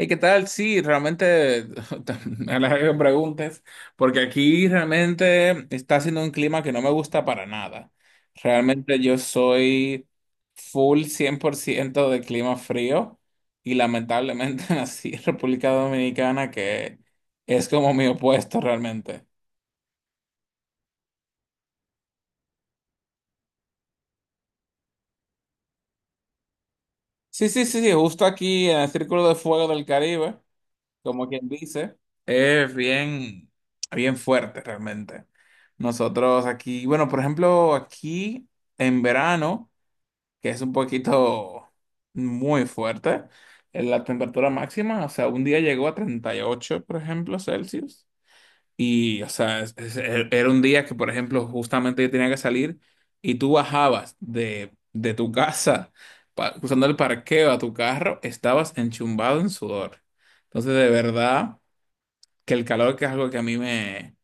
Hey, ¿qué tal? Sí, realmente a la que me preguntes, porque aquí realmente está haciendo un clima que no me gusta para nada. Realmente yo soy full 100% de clima frío y lamentablemente nací en República Dominicana, que es como mi opuesto realmente. Sí, sí, sí, sí, justo aquí en el Círculo de Fuego del Caribe. Como quien dice, es bien, bien fuerte realmente. Nosotros aquí, bueno, por ejemplo, aquí en verano, que es un poquito muy fuerte, en la temperatura máxima, o sea, un día llegó a 38, por ejemplo, Celsius. Y, o sea, era un día que, por ejemplo, justamente yo tenía que salir y tú bajabas de tu casa, cruzando el parqueo a tu carro, estabas enchumbado en sudor. Entonces, de verdad que el calor, que es algo que a mí me,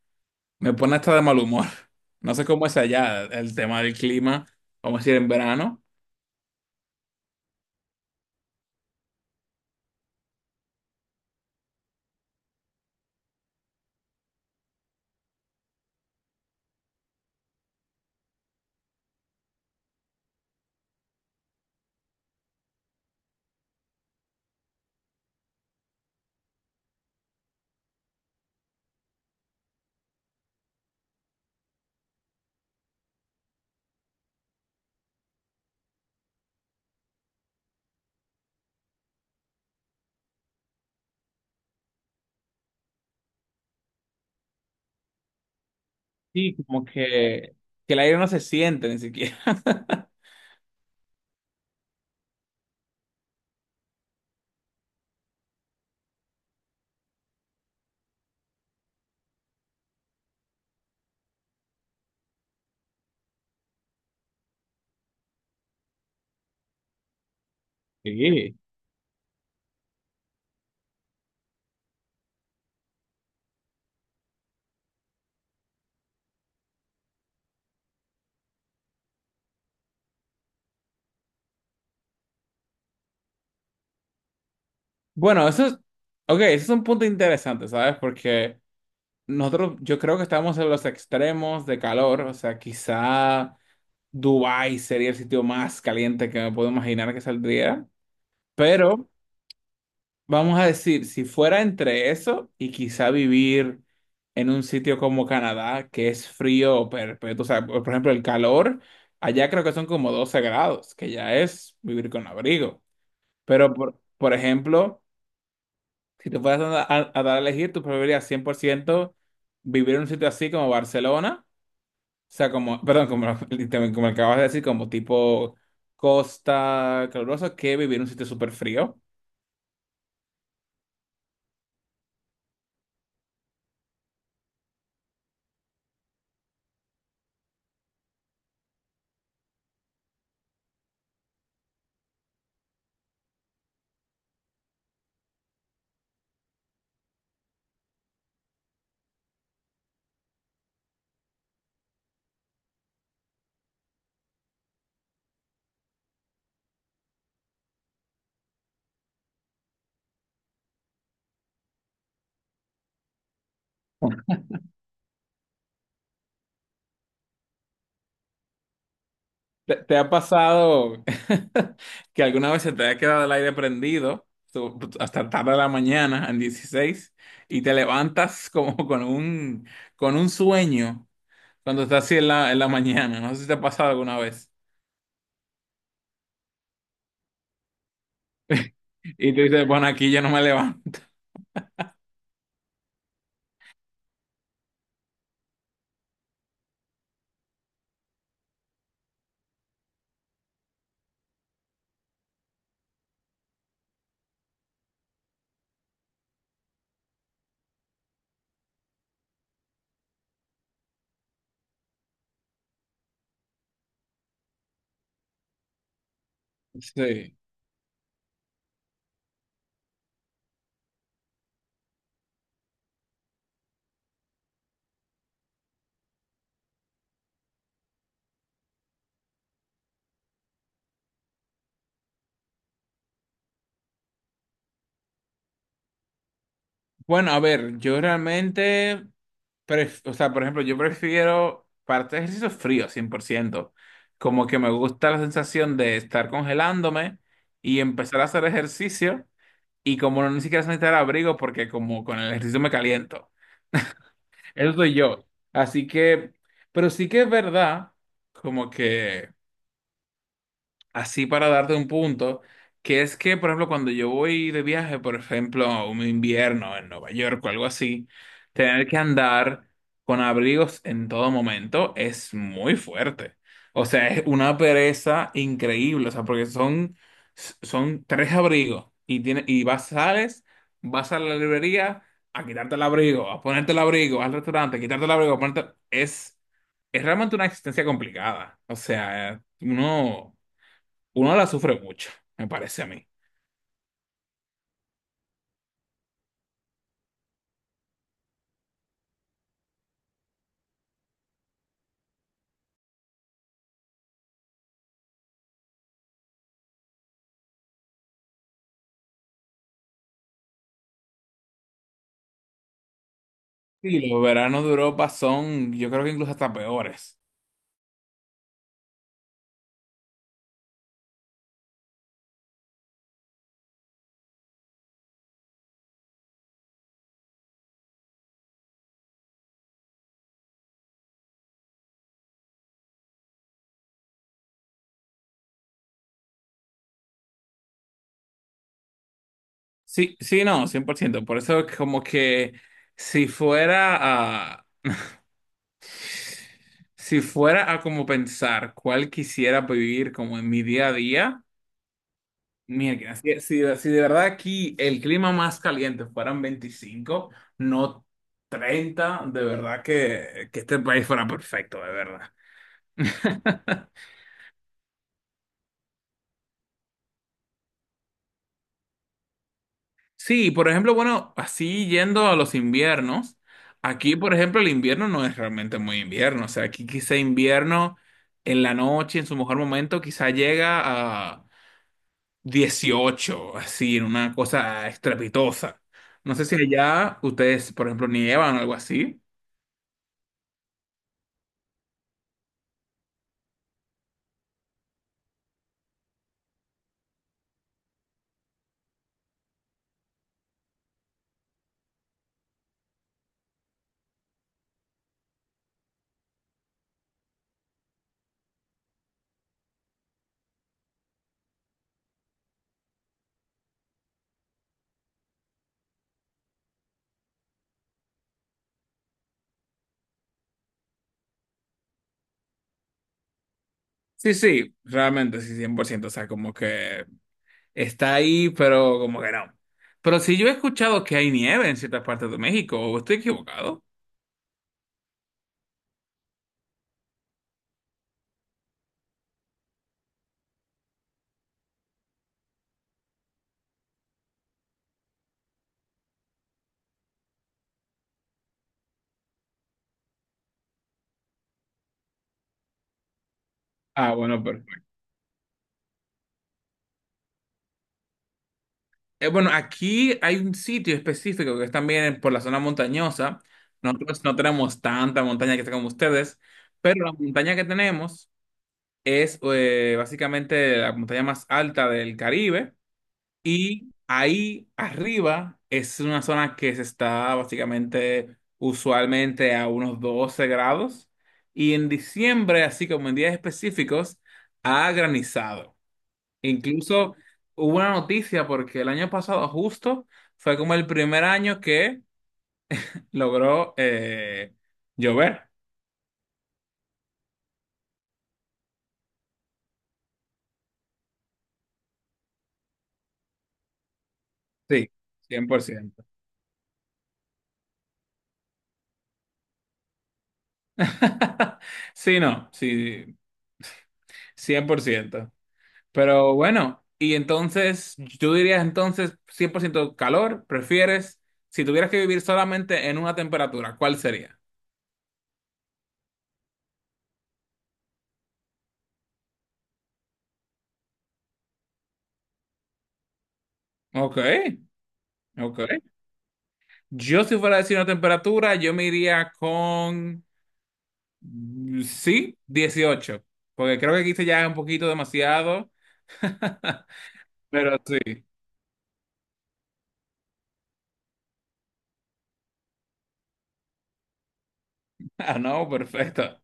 me pone hasta de mal humor. No sé cómo es allá el tema del clima, vamos a decir en verano, sí como que el aire no se siente ni siquiera. Sí. Bueno, eso es, ok, eso es un punto interesante, ¿sabes? Porque nosotros, yo creo que estamos en los extremos de calor, o sea, quizá Dubái sería el sitio más caliente que me puedo imaginar que saldría, pero vamos a decir, si fuera entre eso y quizá vivir en un sitio como Canadá, que es frío perpetuo, o sea, por ejemplo, el calor, allá creo que son como 12 grados, que ya es vivir con abrigo. Pero, por ejemplo, si te fueras a dar a elegir, tú preferirías 100% vivir en un sitio así como Barcelona, o sea, como, perdón, como, literalmente, como acabas de decir, como tipo costa calurosa, que vivir en un sitio súper frío. ¿Te ha pasado que alguna vez se te ha quedado el aire prendido pues, hasta tarde de la mañana, en 16, y te levantas como con un, sueño cuando estás así en la mañana? No sé si te ha pasado alguna vez. Y tú dices, bueno, aquí yo no me levanto. Sí. Bueno, a ver, yo realmente, o sea, por ejemplo, yo prefiero para hacer ejercicio frío, 100%. Como que me gusta la sensación de estar congelándome y empezar a hacer ejercicio y como no ni siquiera necesitar abrigo porque como con el ejercicio me caliento. Eso soy yo. Así que, pero sí que es verdad, como que así para darte un punto, que es que, por ejemplo, cuando yo voy de viaje, por ejemplo, a un invierno en Nueva York o algo así, tener que andar con abrigos en todo momento es muy fuerte. O sea, es una pereza increíble, o sea, porque son tres abrigos y, tiene, y vas, sales, vas a la librería a quitarte el abrigo, a ponerte el abrigo, al restaurante, a quitarte el abrigo, a ponerte... Es realmente una existencia complicada. O sea, uno la sufre mucho, me parece a mí. Y los veranos de Europa son, yo creo que incluso hasta peores. Sí, sí, no, cien por ciento, por eso es que como que si fuera a... Si fuera a como pensar cuál quisiera vivir como en mi día a día, mira, si de verdad aquí el clima más caliente fueran 25, no 30, de verdad que este país fuera perfecto, de verdad. Sí, por ejemplo, bueno, así yendo a los inviernos, aquí, por ejemplo, el invierno no es realmente muy invierno, o sea, aquí quizá invierno en la noche, en su mejor momento, quizá llega a 18, así, en una cosa estrepitosa. No sé si allá ustedes, por ejemplo, nievan o algo así. Sí, sí, realmente, sí, 100%, o sea, como que está ahí, pero como que no. Pero si yo he escuchado que hay nieve en ciertas partes de México, ¿o estoy equivocado? Ah, bueno, bueno, aquí hay un sitio específico que es también por la zona montañosa. Nosotros no tenemos tanta montaña que está como ustedes, pero la montaña que tenemos es básicamente la montaña más alta del Caribe y ahí arriba es una zona que se está básicamente usualmente a unos 12 grados y en diciembre, así como en días específicos, ha granizado. Incluso hubo una noticia porque el año pasado justo fue como el primer año que logró llover. Sí, cien por ciento. Sí, no, sí, 100%. Pero bueno, y entonces, yo diría entonces 100% calor, prefieres, si tuvieras que vivir solamente en una temperatura, ¿cuál sería? Ok, ok. Yo si fuera a decir una temperatura, yo me iría con... Sí, 18, porque creo que aquí se ya un poquito demasiado, pero sí. Ah, no, perfecto.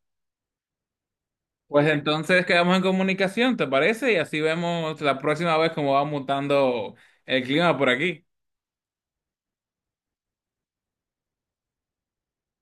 Pues entonces quedamos en comunicación, ¿te parece? Y así vemos la próxima vez cómo va mutando el clima por aquí.